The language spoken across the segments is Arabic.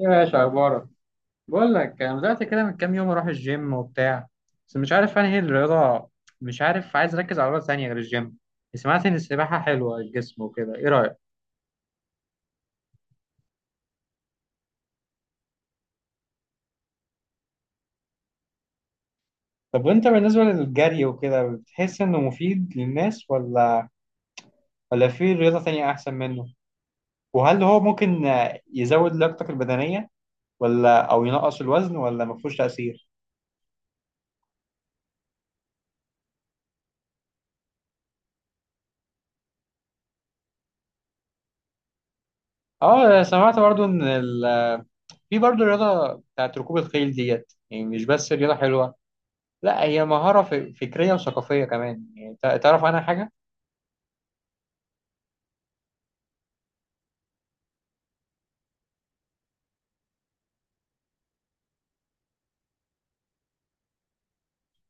يا باشا اخبارك؟ بقول لك انا بدات كده من كام يوم اروح الجيم وبتاع. بس مش عارف انهي الرياضه. مش عارف، عايز اركز على رياضه ثانيه غير الجيم. سمعت ان السباحه حلوه للجسم وكده، ايه رايك؟ طب وانت بالنسبه للجري وكده، بتحس انه مفيد للناس ولا في رياضه ثانيه احسن منه؟ وهل هو ممكن يزود لياقتك البدنيه ولا او ينقص الوزن ولا ما فيهوش تاثير؟ اه، سمعت برضو ان في برضو رياضه بتاعت ركوب الخيل ديت. يعني مش بس رياضه حلوه، لا هي مهارة فكرية وثقافية كمان. يعني تعرف عنها حاجة؟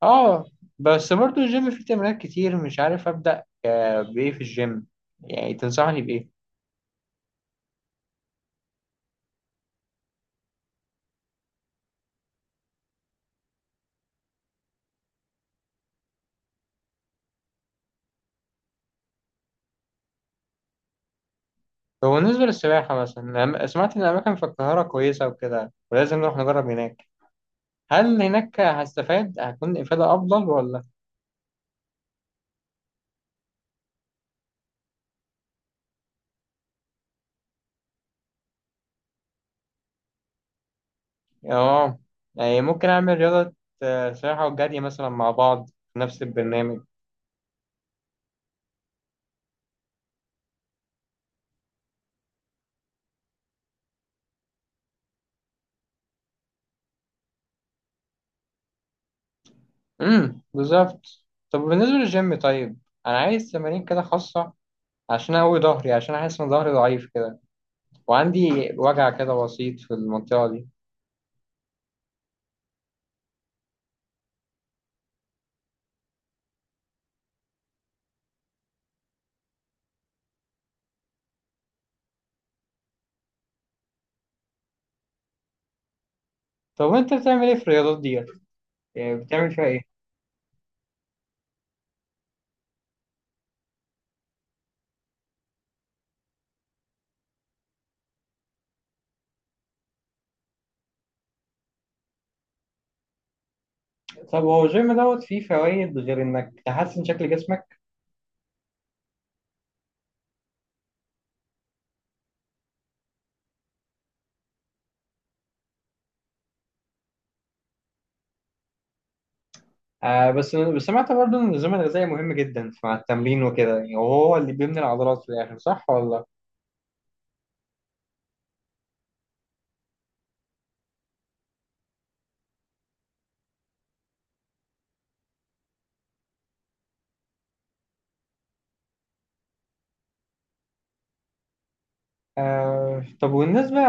اه. بس برضو الجيم فيه تمرينات كتير، مش عارف أبدأ بإيه في الجيم. يعني تنصحني بإيه؟ هو بالنسبة للسباحة مثلا، أنا سمعت إن الأماكن في القاهرة كويسة وكده، ولازم نروح نجرب هناك. هل هناك هستفاد، هتكون إفادة أفضل ولا؟ اه. يعني ممكن أعمل رياضة سباحة وجري مثلا مع بعض في نفس البرنامج. امم، بالظبط. طب بالنسبة للجيم طيب، أنا عايز تمارين كده خاصة عشان أقوي ظهري، عشان أحس إن ظهري ضعيف كده وعندي وجع كده بسيط في المنطقة دي. طب وأنت بتعمل إيه في الرياضات دي؟ يعني بتعمل فيها إيه؟ طب هو الجيم دوت فيه فوائد غير إنك تحسن شكل جسمك؟ آه. بس سمعت برضه إن النظام الغذائي مهم جدا مع التمرين وكده، يعني وهو اللي بيبني العضلات في الآخر، صح ولا؟ آه. طب والنسبة،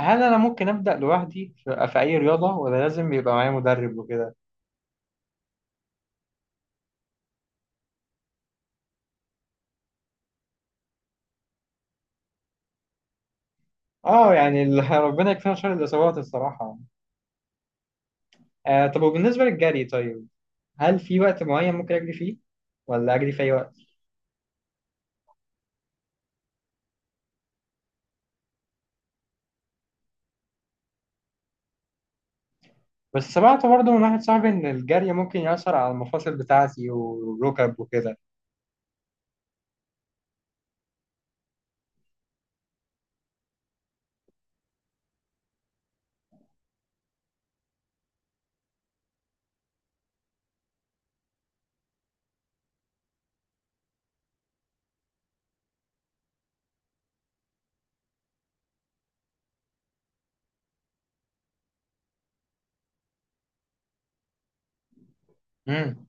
هل أنا ممكن أبدأ لوحدي في أي رياضة ولا لازم يبقى معايا مدرب وكده؟ آه، يعني ربنا يكفينا شر الإصابات الصراحة. آه. طب وبالنسبة للجري طيب؟ هل في وقت معين ممكن أجري فيه ولا أجري في أي وقت؟ بس سمعت برضه من واحد صاحبي إن الجري ممكن يأثر على المفاصل بتاعتي والركب وكده. امم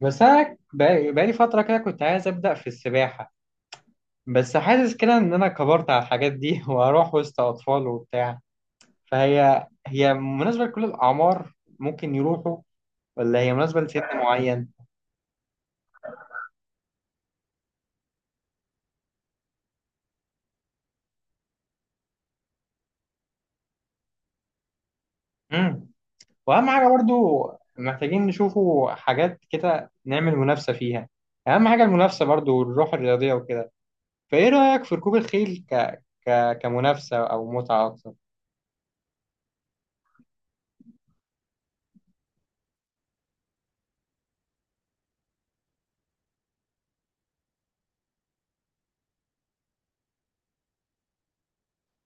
بس أنا بقالي فترة كده كنت عايز أبدأ في السباحة. بس حاسس كده إن أنا كبرت على الحاجات دي وأروح وسط أطفال وبتاع. فهي مناسبة لكل الأعمار، ممكن يروحوا؟ ولا هي مناسبة لسن معين؟ امم واهم حاجه برضو، محتاجين نشوفوا حاجات كده نعمل منافسه فيها. اهم حاجه المنافسه برضو والروح الرياضيه وكده. فايه رايك في ركوب الخيل كمنافسه او متعه اكتر؟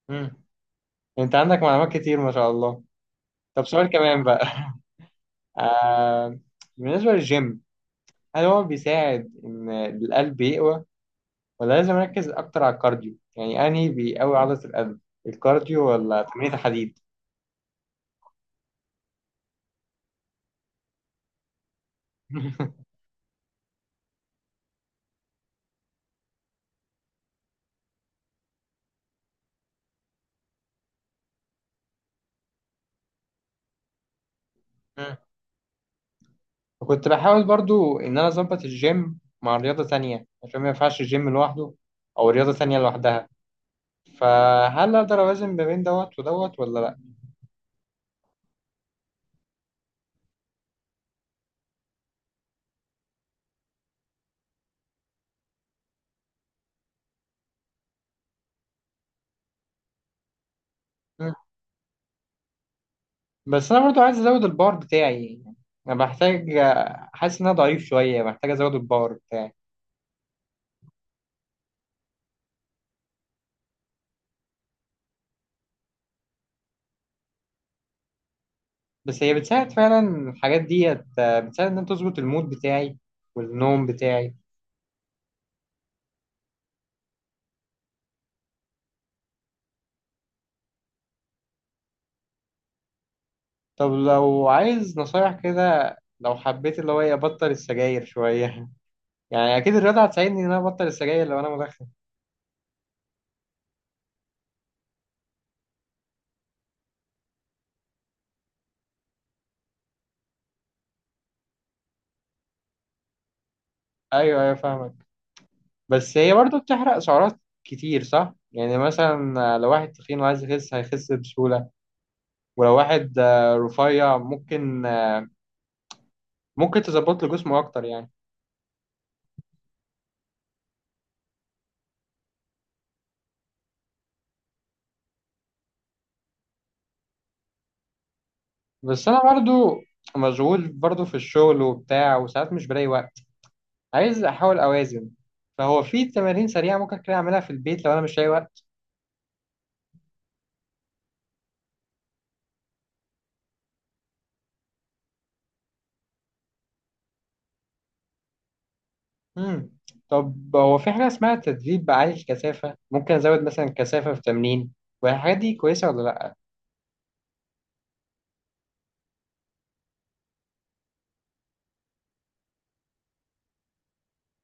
مم. انت عندك معلومات كتير ما شاء الله. طب سؤال كمان بقى آه... بالنسبه للجيم، هل هو بيساعد ان القلب يقوى؟ ولا لازم اركز اكتر على الكارديو؟ يعني انهي بيقوي عضله القلب، الكارديو ولا تمرين الحديد؟ وكنت بحاول برضو إن أنا أظبط الجيم مع رياضة تانية عشان ما ينفعش الجيم لوحده أو رياضة تانية لوحدها. فهل أقدر أوازن ما بين دوت ودوت ولا لأ؟ مم. بس أنا برضو عايز أزود البار بتاعي. أنا بحتاج، حاسس إن أنا ضعيف شوية، محتاج أزود البار بتاعي. بس هي بتساعد فعلا الحاجات ديت؟ بتساعد إن أنا تظبط المود بتاعي والنوم بتاعي؟ طب لو عايز نصايح كده، لو حبيت اللي هو إيه، أبطل السجاير شوية يعني أكيد الرياضة هتساعدني إن أنا أبطل السجاير لو أنا. ايوه ايوه، فاهمك. بس هي برضو بتحرق سعرات كتير صح؟ يعني مثلا لو واحد تخين وعايز يخس هيخس بسهولة، ولو واحد رفيع ممكن تظبط له جسمه اكتر يعني. بس انا برضو مشغول برضو في الشغل وبتاع، وساعات مش بلاقي وقت، عايز احاول اوازن. فهو في تمارين سريعة ممكن كده اعملها في البيت لو انا مش لاقي وقت؟ مم. طب هو في حاجة اسمها تدريب عالي الكثافة ممكن ازود مثلا كثافة في تمرين والحاجات دي كويسة ولا لا؟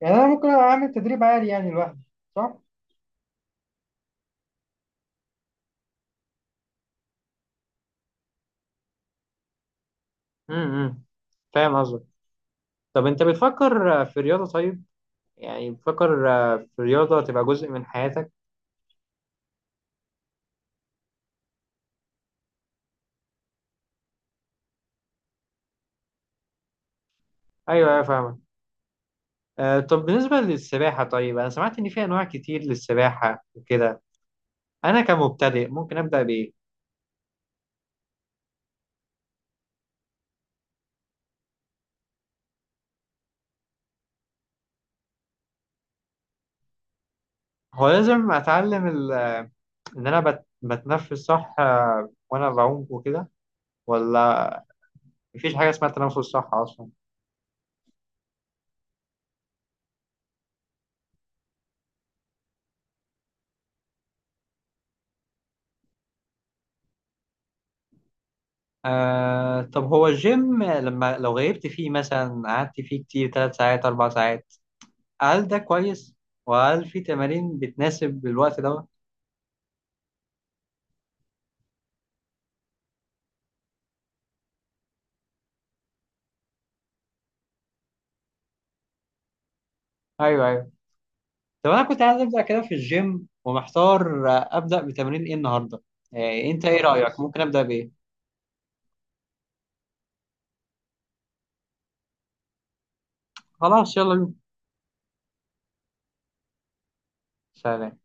يعني انا ممكن اعمل تدريب عالي يعني لوحدي، صح؟ امم فاهم قصدك. طب انت بتفكر في رياضة طيب، يعني بتفكر في رياضة تبقى جزء من حياتك؟ ايوه ايوه، فاهمك. طب بالنسبة للسباحة طيب، انا سمعت ان في انواع كتير للسباحة وكده، انا كمبتدئ ممكن ابدأ بايه؟ هو لازم اتعلم ان انا بتنفس صح وانا بعوم وكده؟ ولا مفيش حاجة اسمها التنفس صح اصلا؟ آه. طب هو الجيم لما لو غيبت فيه مثلا قعدت فيه كتير 3 ساعات 4 ساعات، هل ده كويس؟ وهل في تمارين بتناسب الوقت ده؟ أيوه أيوه. طب أنا كنت عايز أبدأ كده في الجيم ومحتار أبدأ بتمرين إيه النهاردة؟ آه، أنت إيه رأيك؟ ممكن أبدأ بإيه؟ خلاص يلا بينا. سلام.